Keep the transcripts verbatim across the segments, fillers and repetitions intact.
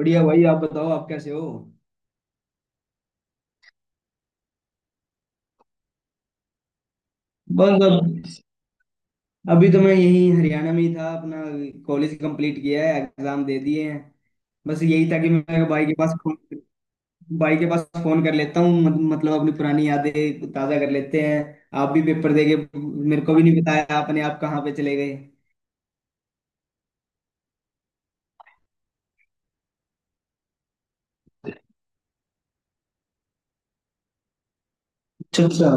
बढ़िया भाई। आप बताओ, आप कैसे हो? बस अब, अभी तो मैं यही हरियाणा में ही था अपना। कॉलेज कंप्लीट किया है, एग्जाम दे दिए हैं। बस यही था कि मैं भाई के पास फोन भाई के पास फोन कर लेता हूँ। मत- मतलब अपनी पुरानी यादें ताजा कर लेते हैं। आप भी पेपर दे के मेरे को भी नहीं बताया आपने, आप कहाँ पे चले गए? अच्छा अच्छा।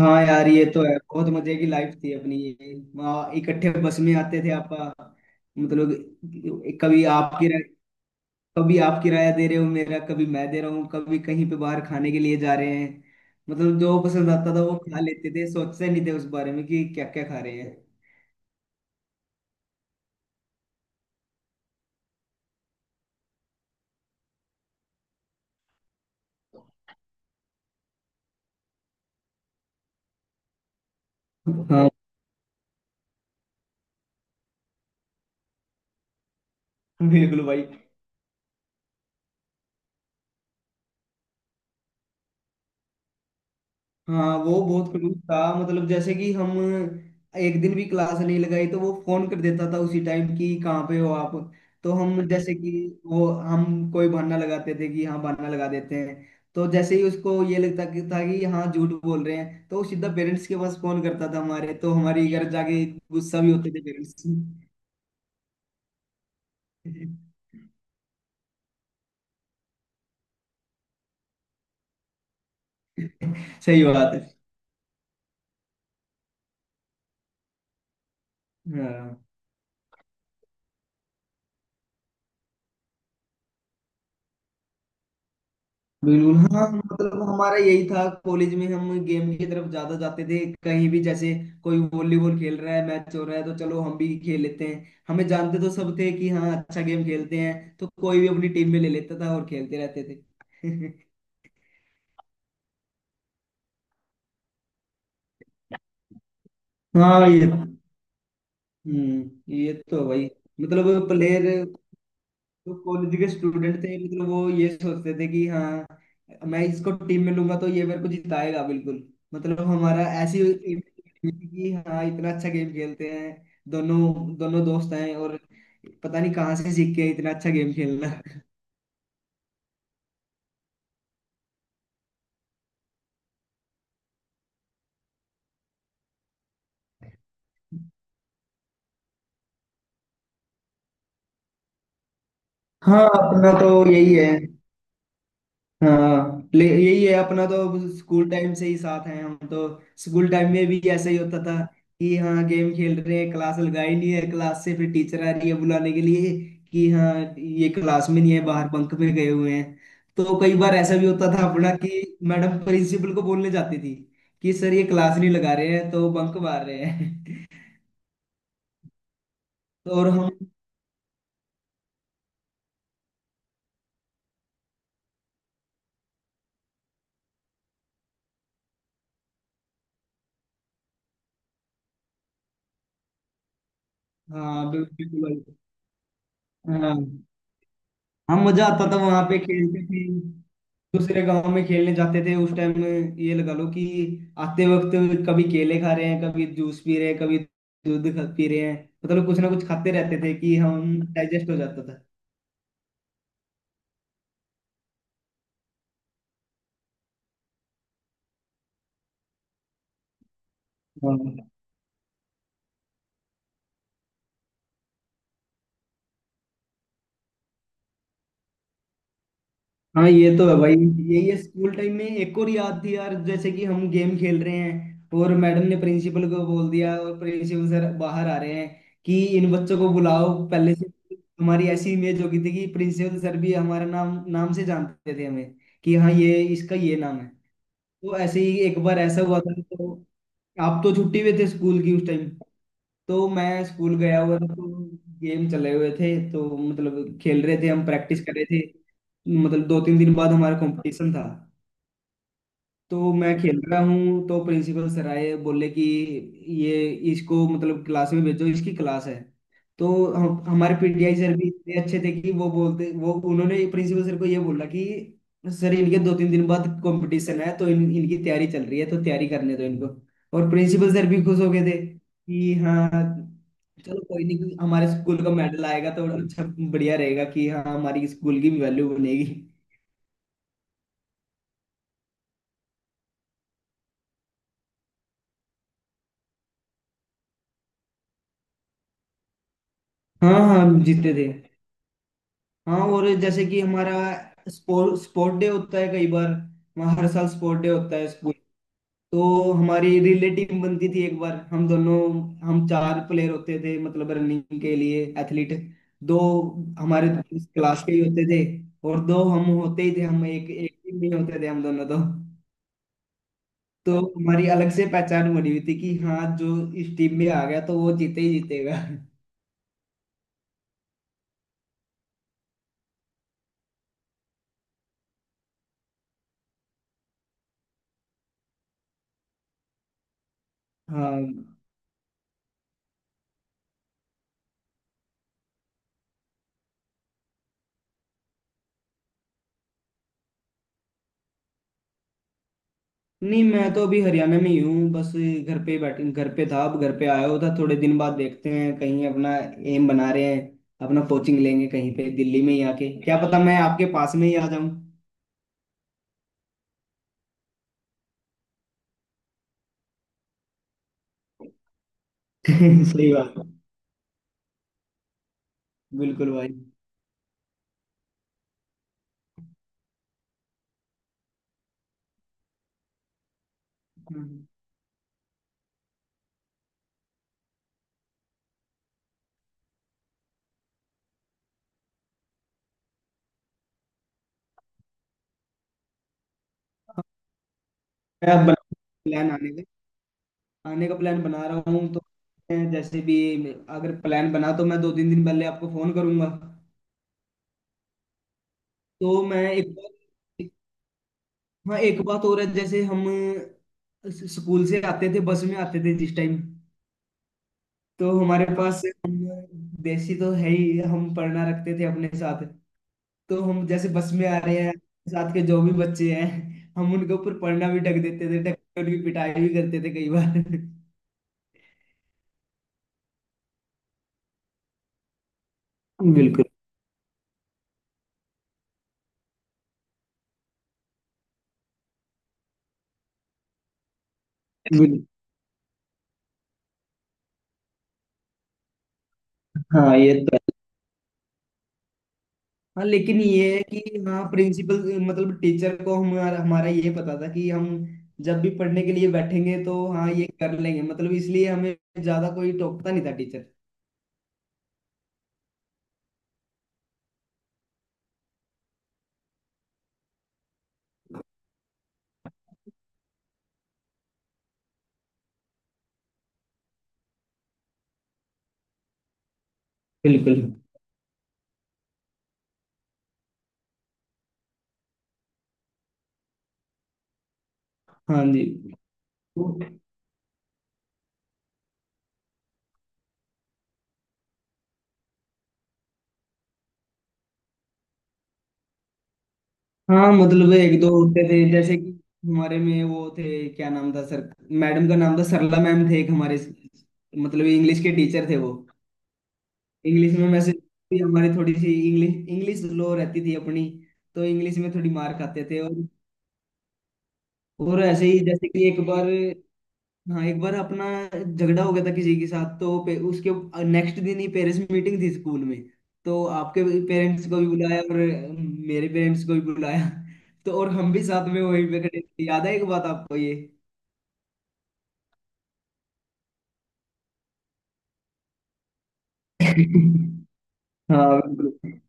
हाँ यार, ये तो है, बहुत मजे की लाइफ थी अपनी। ये वहाँ इकट्ठे बस में आते थे आप। मतलब कभी आपकी, कभी आप किराया दे रहे हो मेरा, कभी मैं दे रहा हूँ, कभी कहीं पे बाहर खाने के लिए जा रहे हैं। मतलब जो पसंद आता था वो खा लेते थे, सोचते नहीं थे उस बारे में कि क्या क्या खा रहे हैं। हाँ। बिल्कुल भाई। हाँ वो बहुत क्लोज था, मतलब जैसे कि हम एक दिन भी क्लास नहीं लगाई तो वो फोन कर देता था उसी टाइम कि कहाँ पे हो आप। तो हम जैसे कि वो हम कोई बहाना लगाते थे कि हाँ बहाना लगा देते हैं। तो जैसे ही उसको ये लगता कि था कि हाँ झूठ बोल रहे हैं तो वो सीधा पेरेंट्स के पास फोन करता था हमारे, तो हमारे घर जाके गुस्सा भी होते थे पेरेंट्स। सही बात है। हाँ बिल्कुल, हाँ मतलब हमारा यही था, कॉलेज में हम गेम की तरफ ज्यादा जाते थे। कहीं भी जैसे कोई वॉलीबॉल खेल रहा है, मैच हो रहा है तो चलो हम भी खेल लेते हैं, हमें जानते तो सब थे कि हाँ अच्छा गेम खेलते हैं तो कोई भी अपनी टीम में ले लेता था और खेलते रहते थे। हाँ ये। हम्म ये तो भाई मतलब प्लेयर तो कॉलेज के स्टूडेंट थे, मतलब वो ये सोचते थे कि हाँ मैं इसको टीम में लूंगा तो ये मेरे को जिताएगा, बिल्कुल। मतलब हमारा ऐसी एक team थी कि हाँ इतना अच्छा गेम खेलते हैं, दोनों दोनों दोस्त हैं और पता नहीं कहाँ से सीख के इतना अच्छा गेम खेलना। हाँ अपना तो यही है। हाँ ले यही है अपना तो, स्कूल टाइम से ही साथ हैं हम तो। स्कूल टाइम में भी ऐसा ही होता था कि हाँ गेम खेल रहे हैं, क्लास लगाई नहीं है, क्लास से फिर टीचर आ रही है बुलाने के लिए कि हाँ ये क्लास में नहीं है, बाहर बंक में गए हुए हैं। तो कई बार ऐसा भी होता था अपना कि मैडम प्रिंसिपल को बोलने जाती थी कि सर ये क्लास नहीं लगा रहे हैं तो बंक मार रहे हैं। तो और हम। हाँ बिल्कुल। हाँ हाँ मजा आता था, वहां पे खेलते थे, दूसरे गांव में खेलने जाते थे उस टाइम। ये लगा लो कि आते वक्त कभी केले खा रहे हैं, कभी जूस पी रहे हैं, कभी दूध खा- पी रहे हैं। मतलब कुछ ना कुछ खाते रहते थे कि हम डाइजेस्ट हो जाता था। हाँ ये तो है भाई। यही है स्कूल टाइम में एक और याद थी यार, जैसे कि हम गेम खेल रहे हैं और मैडम ने प्रिंसिपल को बोल दिया और प्रिंसिपल सर बाहर आ रहे हैं कि इन बच्चों को बुलाओ पहले से। हमारी ऐसी इमेज हो गई थी कि प्रिंसिपल सर भी हमारा नाम नाम से जानते थे हमें कि हाँ ये इसका ये नाम है। वो ऐसे ही एक बार ऐसा हुआ था तो आप तो छुट्टी पे थे स्कूल की उस टाइम। तो मैं स्कूल गया हुआ था तो गेम चले हुए थे तो मतलब खेल रहे थे, हम प्रैक्टिस कर रहे थे। मतलब दो तीन दिन बाद हमारा कंपटीशन था। तो मैं खेल रहा हूँ तो प्रिंसिपल सर आए, बोले कि ये इसको मतलब क्लास में भेजो, इसकी क्लास है। तो हम हमारे पी टी आई सर भी इतने अच्छे थे कि वो बोलते वो उन्होंने प्रिंसिपल सर को ये बोला कि सर इनके दो तीन दिन बाद कंपटीशन है तो इन इनकी तैयारी चल रही है, तो तैयारी करने दो इनको। और प्रिंसिपल सर भी खुश हो गए थे कि हाँ चलो कोई नहीं, हमारे स्कूल का मेडल आएगा तो अच्छा बढ़िया रहेगा कि हाँ हमारी स्कूल की वैल्यू बनेगी। हाँ हाँ जीते थे। हाँ और जैसे कि हमारा स्पोर्ट स्पोर्ट डे होता है कई बार, वहाँ हर साल स्पोर्ट डे होता है स्कूल। तो हमारी रिले टीम बनती थी एक बार, हम दोनों हम चार प्लेयर होते थे, मतलब रनिंग के लिए एथलीट। दो हमारे क्लास के ही होते थे और दो हम होते ही थे, हम एक एक टीम में होते थे, हम दोनों तो। तो हमारी अलग से पहचान बनी हुई थी कि हाँ जो इस टीम में आ गया तो वो जीते ही जीतेगा। हाँ। नहीं, मैं तो अभी हरियाणा में ही हूँ, बस घर पे बैठ घर पे था, अब घर पे आया हुआ था। थोड़े दिन बाद देखते हैं कहीं अपना एम बना रहे हैं अपना, कोचिंग लेंगे कहीं पे दिल्ली में ही आके, क्या पता मैं आपके पास में ही आ जाऊं। सही बात है। बिल्कुल भाई। हम्म। मैं अब बना प्लान आने का आने का प्लान बना रहा हूँ, तो मैं जैसे भी अगर प्लान बना तो मैं दो तीन दिन पहले आपको फोन करूंगा। तो मैं एक बार। हाँ एक बात और है, जैसे हम स्कूल से आते थे, बस में आते थे जिस टाइम, तो हमारे पास हम देसी तो है ही हम पढ़ना रखते थे अपने साथ। तो हम जैसे बस में आ रहे हैं, साथ के जो भी बच्चे हैं हम उनके ऊपर पढ़ना भी ढक देते थे, ढक के उनकी पिटाई भी करते थे कई बार। बिल्कुल बिल- हाँ ये तो है। हाँ लेकिन ये है कि हाँ प्रिंसिपल मतलब टीचर को हमारा हमारा ये पता था कि हम जब भी पढ़ने के लिए बैठेंगे तो हाँ ये कर लेंगे, मतलब इसलिए हमें ज्यादा कोई टोकता नहीं था टीचर। बिल्कुल। हाँ जी। हाँ मतलब एक दो होते थे, जैसे कि हमारे में वो थे, क्या नाम था सर, मैडम का नाम था, सरला मैम थे एक हमारे, मतलब इंग्लिश के टीचर थे वो। इंग्लिश में वैसे भी हमारी थोड़ी सी इंग्लिश इंग्लिश लो रहती थी अपनी, तो इंग्लिश में थोड़ी मार खाते थे। और और ऐसे ही जैसे कि एक बार, हाँ एक बार अपना झगड़ा हो गया था किसी के साथ तो पे, उसके नेक्स्ट दिन ही पेरेंट्स मीटिंग थी स्कूल में। तो आपके पेरेंट्स को भी बुलाया और मेरे पेरेंट्स को भी बुलाया। तो और हम भी साथ में वहीं पे खड़े थे, याद है एक बात आपको ये? हाँ बिल्कुल।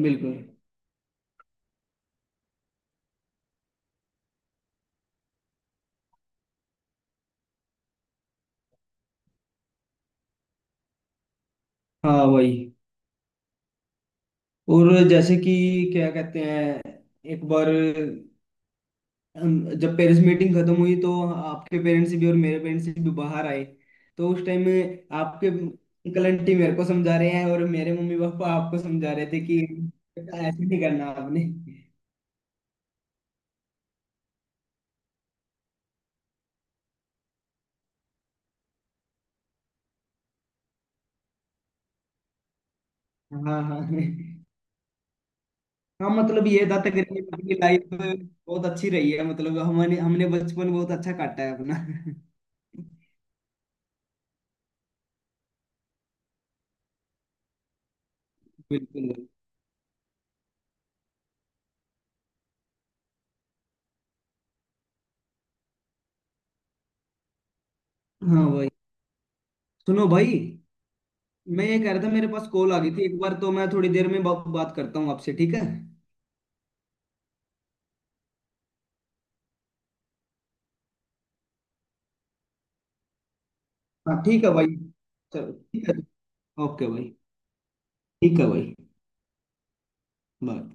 बिल्कुल। हाँ वही। और जैसे कि क्या कहते हैं, एक बार हम जब पेरेंट्स मीटिंग खत्म हुई तो आपके पेरेंट्स भी और मेरे पेरेंट्स भी बाहर आए। तो उस टाइम में आपके अंकल आंटी मेरे को समझा रहे हैं और मेरे मम्मी पापा आपको समझा रहे थे कि बेटा ऐसे नहीं करना आपने। हाँ हाँ हाँ। मतलब ये था तकरीबन आपकी लाइफ बहुत अच्छी रही है, मतलब हमने हमने बचपन बहुत अच्छा काटा है अपना। बिल्कुल। हाँ भाई सुनो भाई, मैं ये कह रहा था मेरे पास कॉल आ गई थी एक बार, तो मैं थोड़ी देर में बा, बात करता हूँ आपसे, ठीक है? हाँ ठीक है भाई। चलो ठीक है। ओके भाई। ठीक है भाई। बाय।